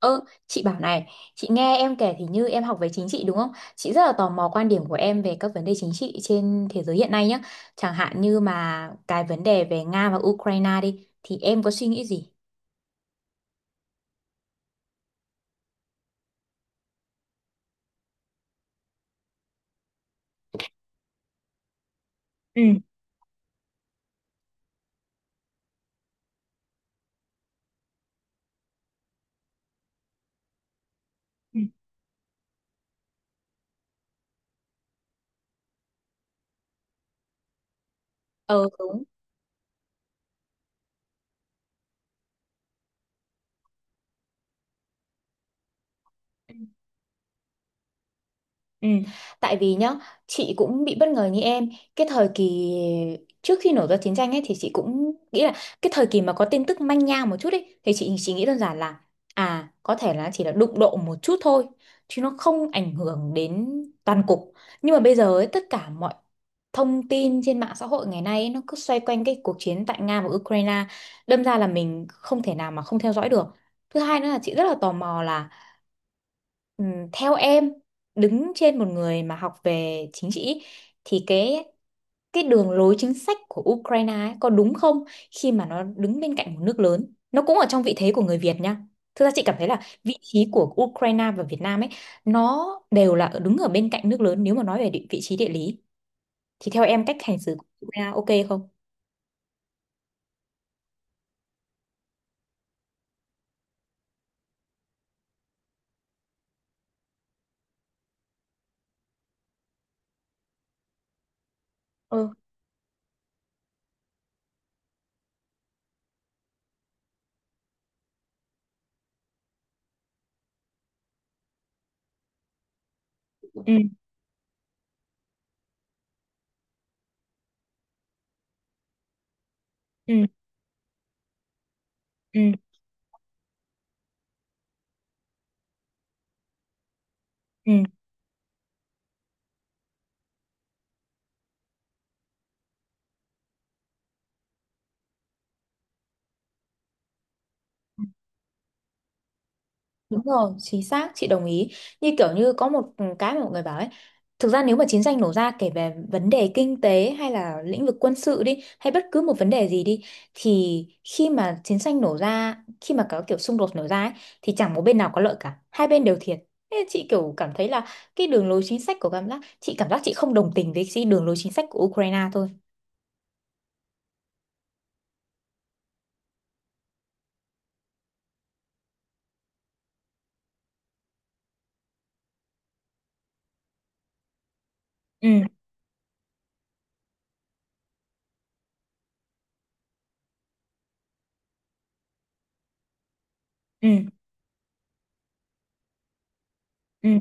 Ơ, chị bảo này, chị nghe em kể thì như em học về chính trị đúng không? Chị rất là tò mò quan điểm của em về các vấn đề chính trị trên thế giới hiện nay nhé. Chẳng hạn như mà cái vấn đề về Nga và Ukraine đi, thì em có suy nghĩ gì? Ừ. Ừ. Ờ, đúng. Ừ. Ừ, tại vì nhá, chị cũng bị bất ngờ như em. Cái thời kỳ trước khi nổ ra chiến tranh ấy thì chị cũng nghĩ là cái thời kỳ mà có tin tức manh nha một chút ấy thì chị chỉ nghĩ đơn giản là à có thể là chỉ là đụng độ một chút thôi chứ nó không ảnh hưởng đến toàn cục. Nhưng mà bây giờ ấy, tất cả mọi thông tin trên mạng xã hội ngày nay ấy, nó cứ xoay quanh cái cuộc chiến tại Nga và Ukraine, đâm ra là mình không thể nào mà không theo dõi được. Thứ hai nữa là chị rất là tò mò là, Ừ, theo em, đứng trên một người mà học về chính trị ý, thì cái đường lối chính sách của Ukraine ấy, có đúng không khi mà nó đứng bên cạnh một nước lớn, nó cũng ở trong vị thế của người Việt nha. Thực ra chị cảm thấy là vị trí của Ukraine và Việt Nam ấy nó đều là đứng ở bên cạnh nước lớn, nếu mà nói về địa, vị trí địa lý, thì theo em cách hành xử của Ukraine ok không? Ừ. Ừ. Ừ. Ừ. Ừ. Đúng rồi, chính xác, chị đồng ý. Như kiểu như có một cái mà mọi người bảo ấy, thực ra nếu mà chiến tranh nổ ra, kể về vấn đề kinh tế hay là lĩnh vực quân sự đi, hay bất cứ một vấn đề gì đi, thì khi mà chiến tranh nổ ra, khi mà có kiểu xung đột nổ ra ấy, thì chẳng một bên nào có lợi cả, hai bên đều thiệt. Thế chị kiểu cảm thấy là cái đường lối chính sách của cảm giác chị không đồng tình với cái đường lối chính sách của Ukraine thôi. Ừ. Ừ. Ừ.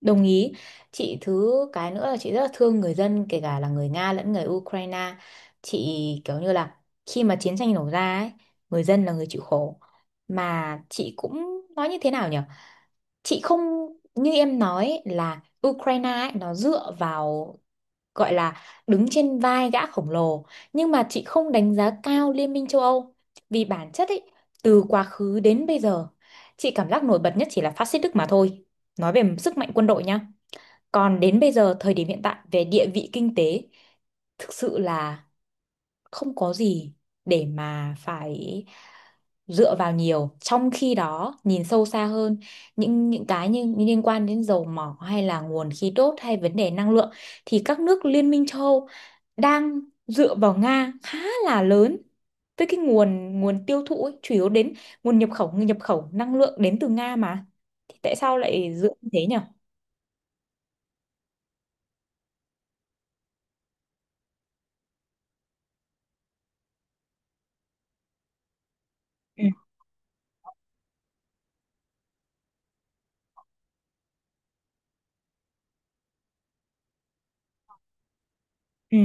Đồng ý. Chị thứ cái nữa là chị rất là thương người dân, kể cả là người Nga lẫn người Ukraine. Chị kiểu như là khi mà chiến tranh nổ ra ấy, người dân là người chịu khổ. Mà chị cũng nói như thế nào nhỉ? Chị không, như em nói ấy, là Ukraine ấy, nó dựa vào, gọi là, đứng trên vai gã khổng lồ, nhưng mà chị không đánh giá cao Liên minh châu Âu, vì bản chất ấy, từ quá khứ đến bây giờ, chị cảm giác nổi bật nhất chỉ là phát xít Đức mà thôi. Nói về sức mạnh quân đội nhá, còn đến bây giờ, thời điểm hiện tại về địa vị kinh tế, thực sự là không có gì để mà phải dựa vào nhiều. Trong khi đó, nhìn sâu xa hơn, những cái như như liên quan đến dầu mỏ hay là nguồn khí đốt hay vấn đề năng lượng, thì các nước Liên minh châu Âu đang dựa vào Nga khá là lớn, với cái nguồn nguồn tiêu thụ ấy, chủ yếu đến nguồn nhập khẩu năng lượng đến từ Nga mà. Thì tại sao lại dựa như thế nhỉ? Ừ. Ừ.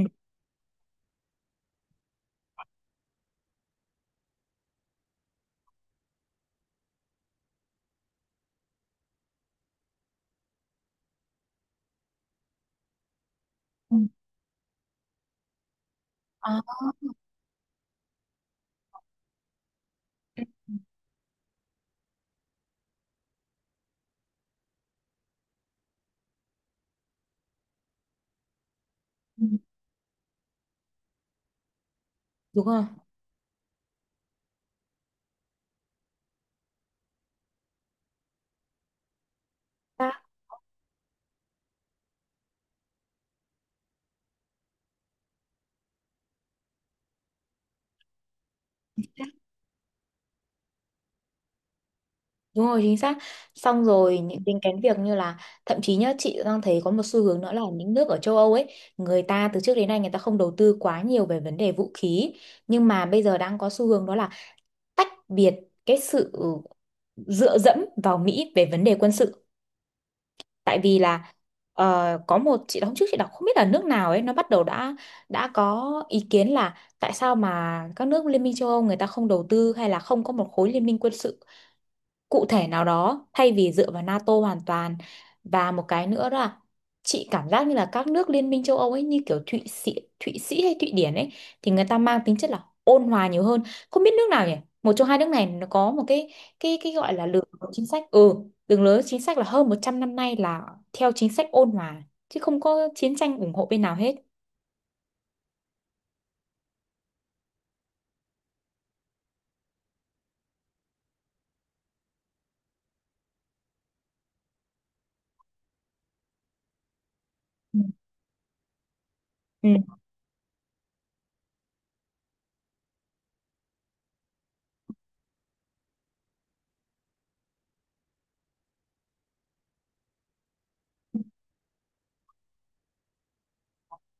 Ừ. Ờ. Ừ. Đúng rồi. Ta- Đúng rồi, chính xác. Xong rồi những đến cái việc như là, thậm chí nhá, chị đang thấy có một xu hướng nữa là những nước ở châu Âu ấy, người ta từ trước đến nay người ta không đầu tư quá nhiều về vấn đề vũ khí. Nhưng mà bây giờ đang có xu hướng đó là tách biệt cái sự dựa dẫm vào Mỹ về vấn đề quân sự. Tại vì là có một chị đóng trước, chị đọc không biết là nước nào ấy, nó bắt đầu đã có ý kiến là tại sao mà các nước Liên minh châu Âu người ta không đầu tư, hay là không có một khối liên minh quân sự cụ thể nào đó, thay vì dựa vào NATO hoàn toàn. Và một cái nữa đó là chị cảm giác như là các nước Liên minh châu Âu ấy, như kiểu Thụy Sĩ hay Thụy Điển ấy, thì người ta mang tính chất là ôn hòa nhiều hơn. Không biết nước nào nhỉ, một trong hai nước này nó có một cái gọi là đường lối chính sách, đường lối chính sách là hơn 100 năm nay là theo chính sách ôn hòa, chứ không có chiến tranh ủng hộ bên nào hết. Ừ. Ừ.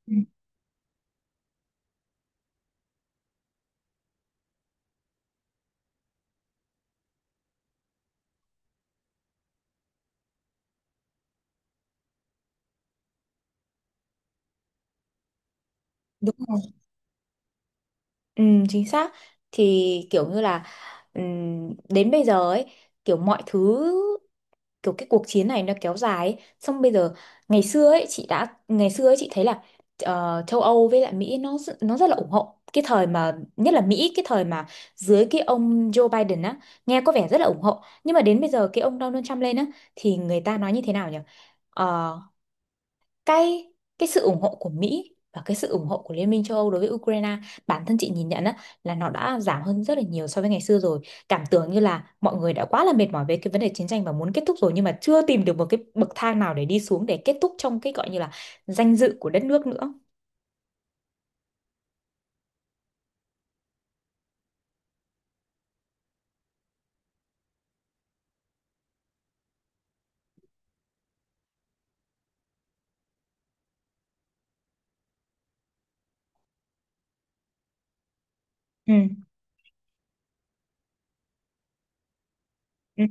Ừ. Đúng. Ừ, chính xác. Thì kiểu như là, đến bây giờ ấy, kiểu mọi thứ, kiểu cái cuộc chiến này nó kéo dài ấy. Xong bây giờ, ngày xưa ấy chị thấy là châu Âu với lại Mỹ nó rất- là ủng hộ, cái thời mà nhất là Mỹ, cái thời mà dưới cái ông Joe Biden á, nghe có vẻ rất là ủng hộ, nhưng mà đến bây giờ cái ông Donald Trump lên á, thì người ta nói như thế nào nhỉ? Ờ, cái cái sự ủng hộ của Mỹ và cái sự ủng hộ của Liên minh châu Âu đối với Ukraine, bản thân chị nhìn nhận á, là nó đã giảm hơn rất là nhiều so với ngày xưa rồi. Cảm tưởng như là mọi người đã quá là mệt mỏi về cái vấn đề chiến tranh và muốn kết thúc rồi, nhưng mà chưa tìm được một cái bậc thang nào để đi xuống, để kết thúc trong cái gọi như là danh dự của đất nước nữa. Ừ. Ừ.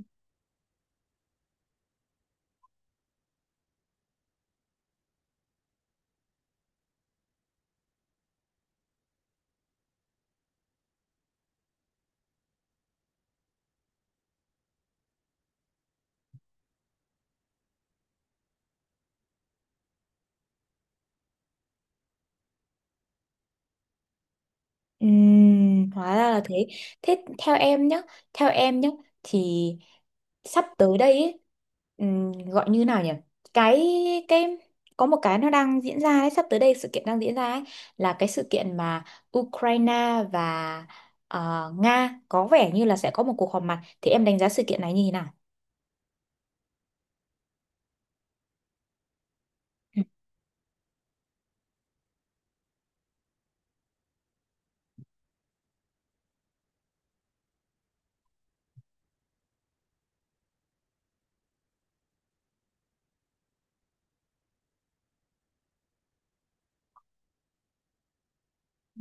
Hóa ra là thế. Thế theo em nhé thì sắp tới đây ấy, gọi như nào nhỉ, cái, cái có một cái nó đang diễn ra ấy, sắp tới đây sự kiện đang diễn ra ấy, là cái sự kiện mà Ukraine và Nga có vẻ như là sẽ có một cuộc họp mặt, thì em đánh giá sự kiện này như thế nào?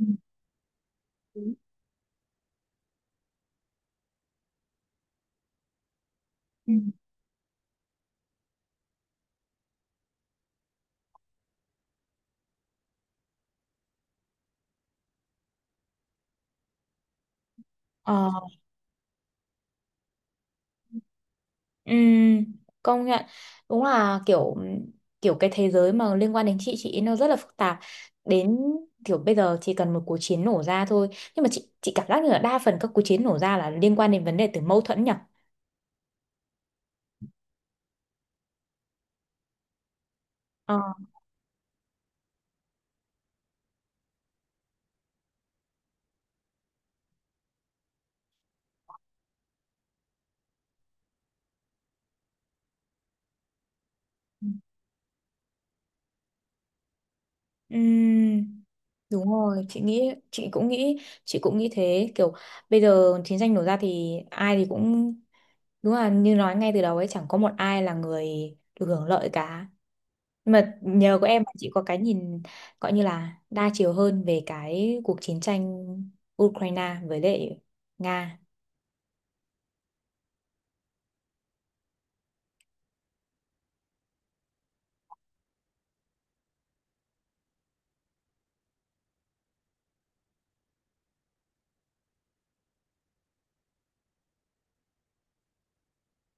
Ừ. Ừ. Ừ. Ừ, công nhận, đúng là kiểu kiểu cái thế giới mà liên quan đến chị nó rất là phức tạp. Đến kiểu bây giờ chỉ cần một cuộc chiến nổ ra thôi, nhưng mà chị cảm giác như là đa phần các cuộc chiến nổ ra là liên quan đến vấn đề, từ mâu thuẫn nhỉ. Ờ. Ừ, đúng rồi, chị nghĩ chị cũng nghĩ chị cũng nghĩ thế, kiểu bây giờ chiến tranh nổ ra thì ai thì cũng, đúng là như nói ngay từ đầu ấy, chẳng có một ai là người được hưởng lợi cả. Mà nhờ có em mà chị có cái nhìn gọi như là đa chiều hơn về cái cuộc chiến tranh Ukraine với lại Nga.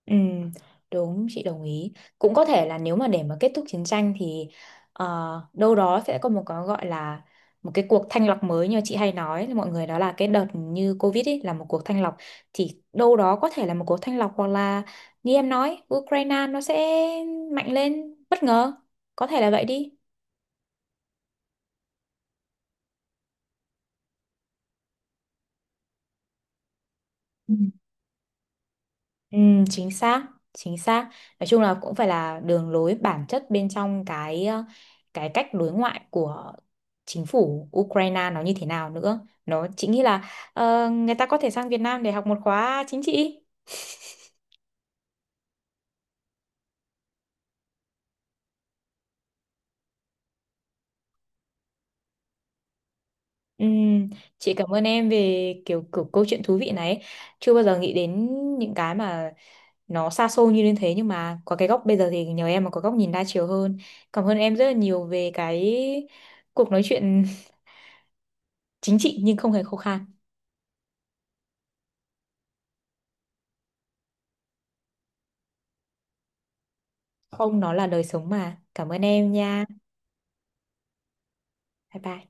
Ừ, đúng, chị đồng ý. Cũng có thể là nếu mà để mà kết thúc chiến tranh thì ờ, đâu đó sẽ có một cái gọi là một cái cuộc thanh lọc mới, như chị hay nói là mọi người, đó là cái đợt như Covid ấy là một cuộc thanh lọc. Thì đâu đó có thể là một cuộc thanh lọc, hoặc là như em nói, Ukraine nó sẽ mạnh lên bất ngờ, có thể là vậy đi. Ừ, chính xác, chính xác. Nói chung là cũng phải là đường lối bản chất bên trong cái cách đối ngoại của chính phủ Ukraine nó như thế nào nữa. Nó chính nghĩ là người ta có thể sang Việt Nam để học một khóa chính trị. Ừ, chị cảm ơn em về kiểu câu chuyện thú vị này. Chưa bao giờ nghĩ đến những cái mà nó xa xôi như thế, nhưng mà có cái góc bây giờ thì nhờ em mà có góc nhìn đa chiều hơn. Cảm ơn em rất là nhiều về cái cuộc nói chuyện chính trị nhưng không hề khô khan. Không, nó là đời sống mà. Cảm ơn em nha. Bye bye.